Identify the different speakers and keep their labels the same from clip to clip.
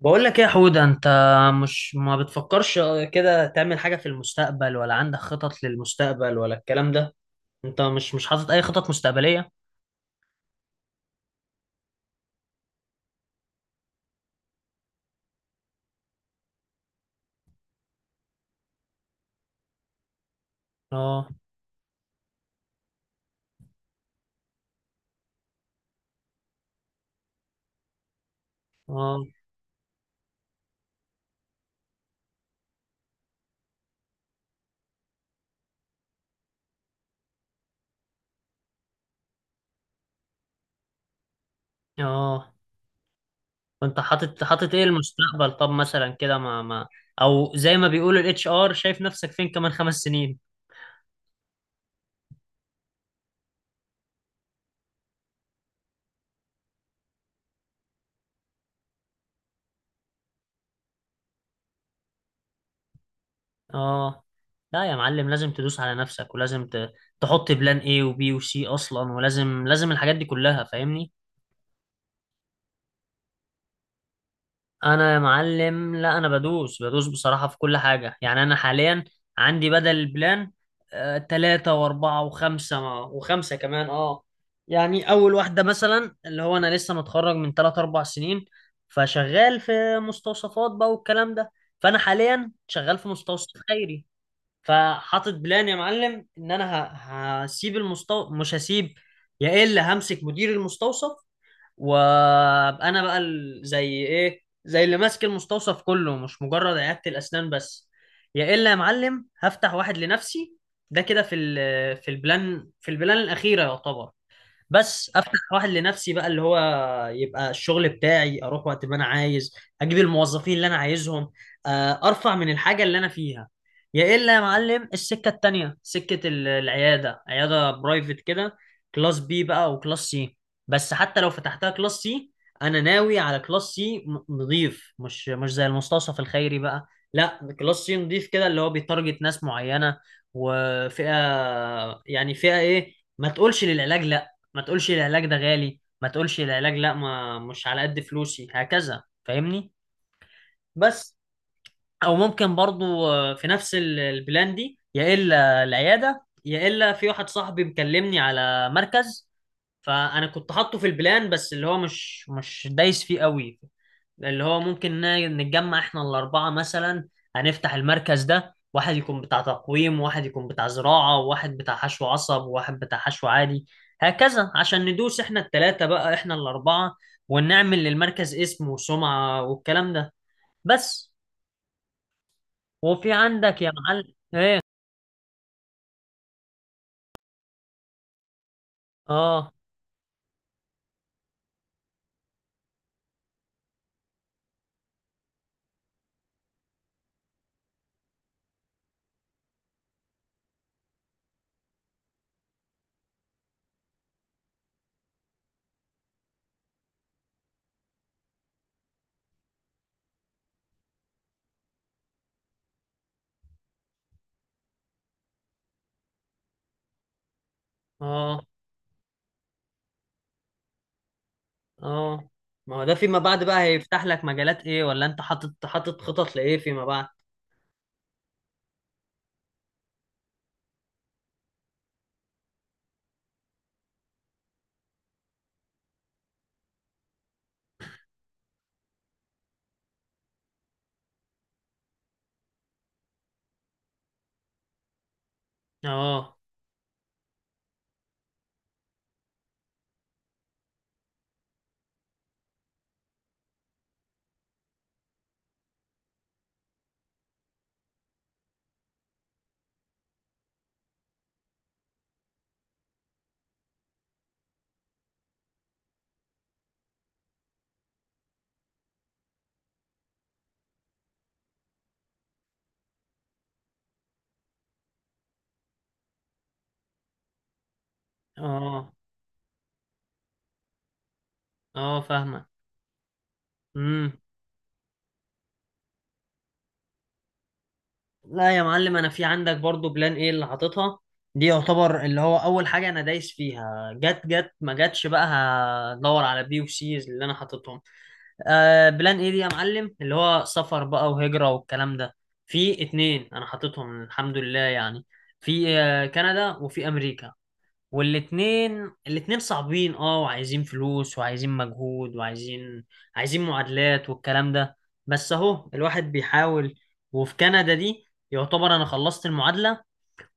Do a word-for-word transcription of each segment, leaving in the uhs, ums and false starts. Speaker 1: بقول لك ايه يا حود؟ انت مش، ما بتفكرش كده تعمل حاجة في المستقبل؟ ولا عندك خطط للمستقبل ولا الكلام ده؟ انت مش مش حاطط اي خطط مستقبلية؟ اه. اه. اه. وانت حاطط حاطط ايه المستقبل؟ طب مثلا كده، ما ما او زي ما بيقول اتش ار، شايف نفسك فين كمان خمس سنين؟ اه. لا يا معلم، لازم تدوس على نفسك، ولازم ت- تحط بلان ايه وبي وسي اصلا، ولازم لازم الحاجات دي كلها، فاهمني؟ انا يا معلم لا، انا بدوس بدوس بصراحة في كل حاجة. يعني انا حاليا عندي بدل البلان آه، تلاتة واربعة وخمسة، مع- وخمسة كمان. اه. يعني اول واحدة مثلا اللي هو انا لسه متخرج من تلات اربع سنين، فشغال في مستوصفات بقى والكلام ده. فانا حاليا شغال في مستوصف خيري، فحاطط بلان يا معلم ان انا ه- هسيب المستوصف. مش هسيب، يا الا همسك مدير المستوصف، وانا بقى ال- زي ايه، زي اللي ماسك المستوصف كله، مش مجرد عيادة الاسنان بس. يا الا يا معلم هفتح واحد لنفسي، ده كده في ال في البلان في البلان الاخيره يعتبر. بس افتح واحد لنفسي بقى اللي هو. يبقى الشغل بتاعي اروح وقت ما انا عايز، اجيب الموظفين اللي انا عايزهم. آه، ارفع من الحاجه اللي انا فيها. يا الا يا معلم السكه التانيه سكه ال- العياده، عياده برايفت كده، كلاس بي بقى وكلاس سي. بس حتى لو فتحتها كلاس سي، انا ناوي على كلاس سي نظيف، مش مش زي المستوصف الخيري بقى. لا كلاس سي نظيف كده اللي هو بيتارجت ناس معينه وفئه. يعني فئه ايه؟ ما تقولش للعلاج لا، ما تقولش العلاج ده غالي، ما تقولش العلاج لا، ما مش على قد فلوسي، هكذا، فاهمني؟ بس. او ممكن برضو آه، في نفس ال- البلان دي، يا الا العياده، يا الا في واحد صاحبي مكلمني على مركز. فانا كنت حاطه في البلان بس اللي هو مش مش دايس فيه قوي. اللي هو ممكن ن- نتجمع احنا الأربعة مثلا، هنفتح المركز ده، واحد يكون بتاع تقويم وواحد يكون بتاع زراعة وواحد بتاع حشو عصب وواحد بتاع حشو عادي، هكذا عشان ندوس احنا التلاتة بقى، احنا الأربعة، ونعمل للمركز اسم وسمعة والكلام ده. بس. وفي عندك يا معلم ايه؟ اه. اه. اه. ما هو ده فيما بعد بقى هيفتح لك مجالات ايه؟ ولا انت حاطط حاطط خطط لايه فيما بعد؟ اه. اه. اه فاهمة. امم. لا يا معلم، انا في عندك برضو بلان ايه اللي حاططها، دي يعتبر اللي هو اول حاجه انا دايس فيها، جت جت، ما جتش، بقى هدور على بي وسيز اللي انا حاططهم. آه بلان ايه دي يا معلم اللي هو سفر بقى وهجره والكلام ده. في اتنين انا حاططهم الحمد لله يعني، في آه كندا وفي امريكا. والاتنين الاتنين صعبين، اه، وعايزين فلوس وعايزين مجهود وعايزين عايزين معادلات والكلام ده، بس اهو الواحد بيحاول. وفي كندا دي يعتبر انا خلصت المعادلة،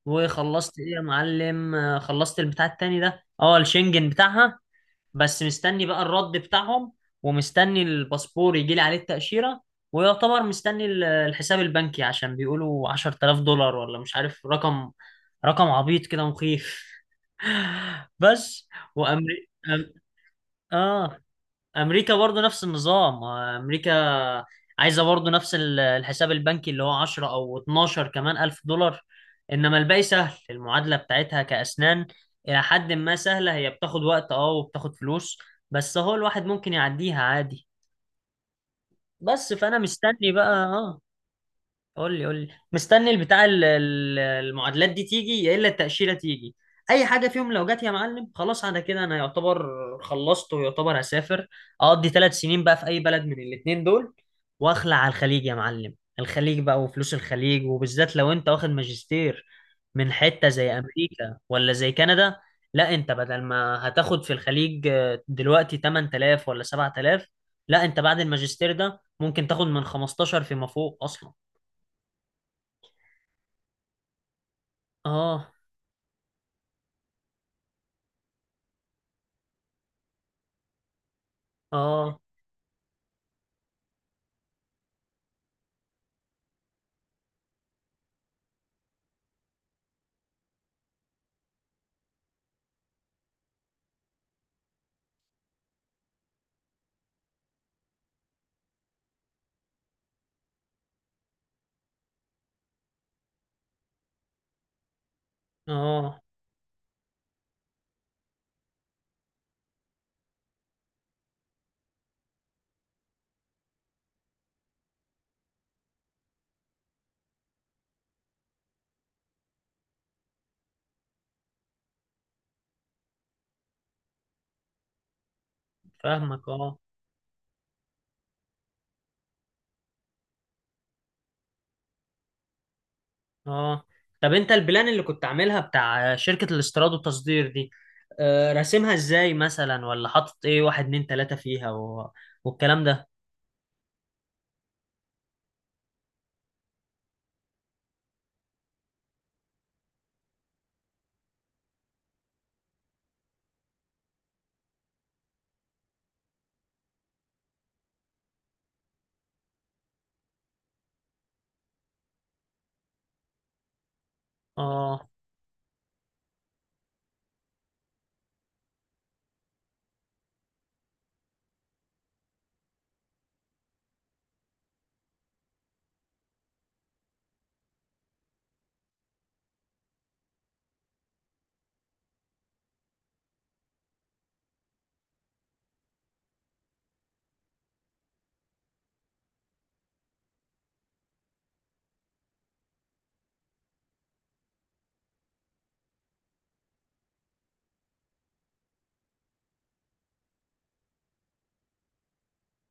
Speaker 1: وخلصت ايه يا معلم، آه، خلصت البتاع التاني ده، اه، الشنجن بتاعها، بس مستني بقى الرد بتاعهم، ومستني الباسبور يجيلي عليه التأشيرة، ويعتبر مستني ال- الحساب البنكي، عشان بيقولوا عشر تلاف دولار، ولا مش عارف، رقم، رقم عبيط كده مخيف. بس. وامريكا، أم... اه، امريكا برضو نفس النظام. آه، امريكا عايزه برضو نفس ال- الحساب البنكي اللي هو عشرة او اتناشر كمان الف دولار، انما الباقي سهل. المعادله بتاعتها كاسنان الى حد ما سهله، هي بتاخد وقت، اه، وبتاخد فلوس، بس هو الواحد ممكن يعديها عادي، بس فانا مستني بقى. اه. قول لي، قول لي مستني البتاع ال- ال- المعادلات دي تيجي، يا الا التأشيرة تيجي. اي حاجة فيهم لو جت يا معلم خلاص، على كده انا يعتبر خلصت ويعتبر هسافر، اقضي ثلاث سنين بقى في اي بلد من الاتنين دول، واخلع على الخليج يا معلم، الخليج بقى وفلوس الخليج، وبالذات لو انت واخد ماجستير من حتة زي امريكا ولا زي كندا. لا، انت بدل ما هتاخد في الخليج آه، دلوقتي تمن تلاف ولا سبع تلاف، لا انت بعد الماجستير ده ممكن تاخد من خمستاشر فيما فوق اصلا. اه. اه. اه فاهمك. اه. اه. طب انت البلان اللي كنت عاملها بتاع شركة الاستيراد والتصدير دي، آه، راسمها ازاي مثلا، ولا حاطط ايه واحد اتنين تلاتة فيها و... والكلام ده. اه.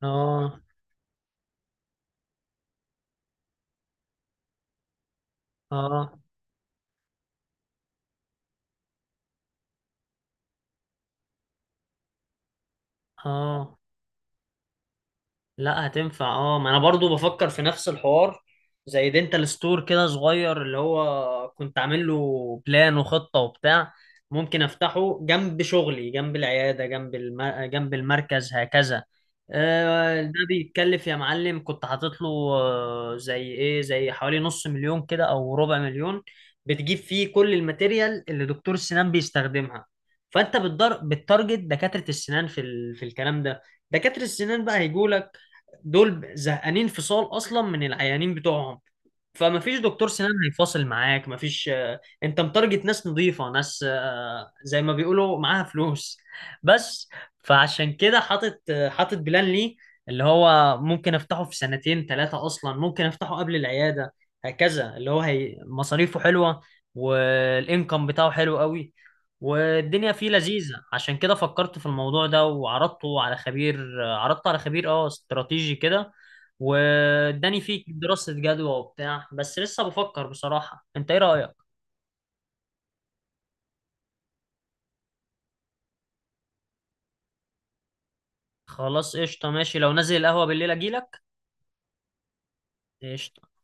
Speaker 1: اه. اه. اه. لا هتنفع، اه، ما انا برضو بفكر في نفس الحوار. زي دينتال ستور كده صغير اللي هو كنت عامل له بلان وخطة وبتاع، ممكن افتحه جنب شغلي، جنب العيادة، جنب الم... جنب المركز هكذا. آه، ده بيتكلف يا معلم، كنت حاطط له آه، زي ايه، زي حوالي نص مليون كده او ربع مليون، بتجيب فيه كل الماتيريال اللي دكتور السنان بيستخدمها، فانت بتضر... بتارجت دكاترة السنان في ال... في الكلام ده. دكاترة السنان بقى هيجوا، دول زهقانين فصال اصلا من العيانين بتوعهم، فما فيش دكتور سنان هيفاصل معاك، ما فيش. انت متارجت ناس نظيفة، ناس آه، زي ما بيقولوا معاها فلوس. بس. فعشان كده حاطط، آه، حاطط بلان لي اللي هو ممكن افتحه في سنتين ثلاثة، اصلا ممكن افتحه قبل العيادة، هكذا اللي هو هي مصاريفه حلوة، والانكم بتاعه حلو قوي، والدنيا فيه لذيذة، عشان كده فكرت في الموضوع ده، وعرضته على خبير، آه، عرضته على خبير، اه، استراتيجي كده، واداني فيه دراسة جدوى وبتاع، بس لسه بفكر بصراحة، انت ايه رأيك؟ خلاص قشطة، ماشي، لو نازل القهوة بالليل اجيلك. قشطة.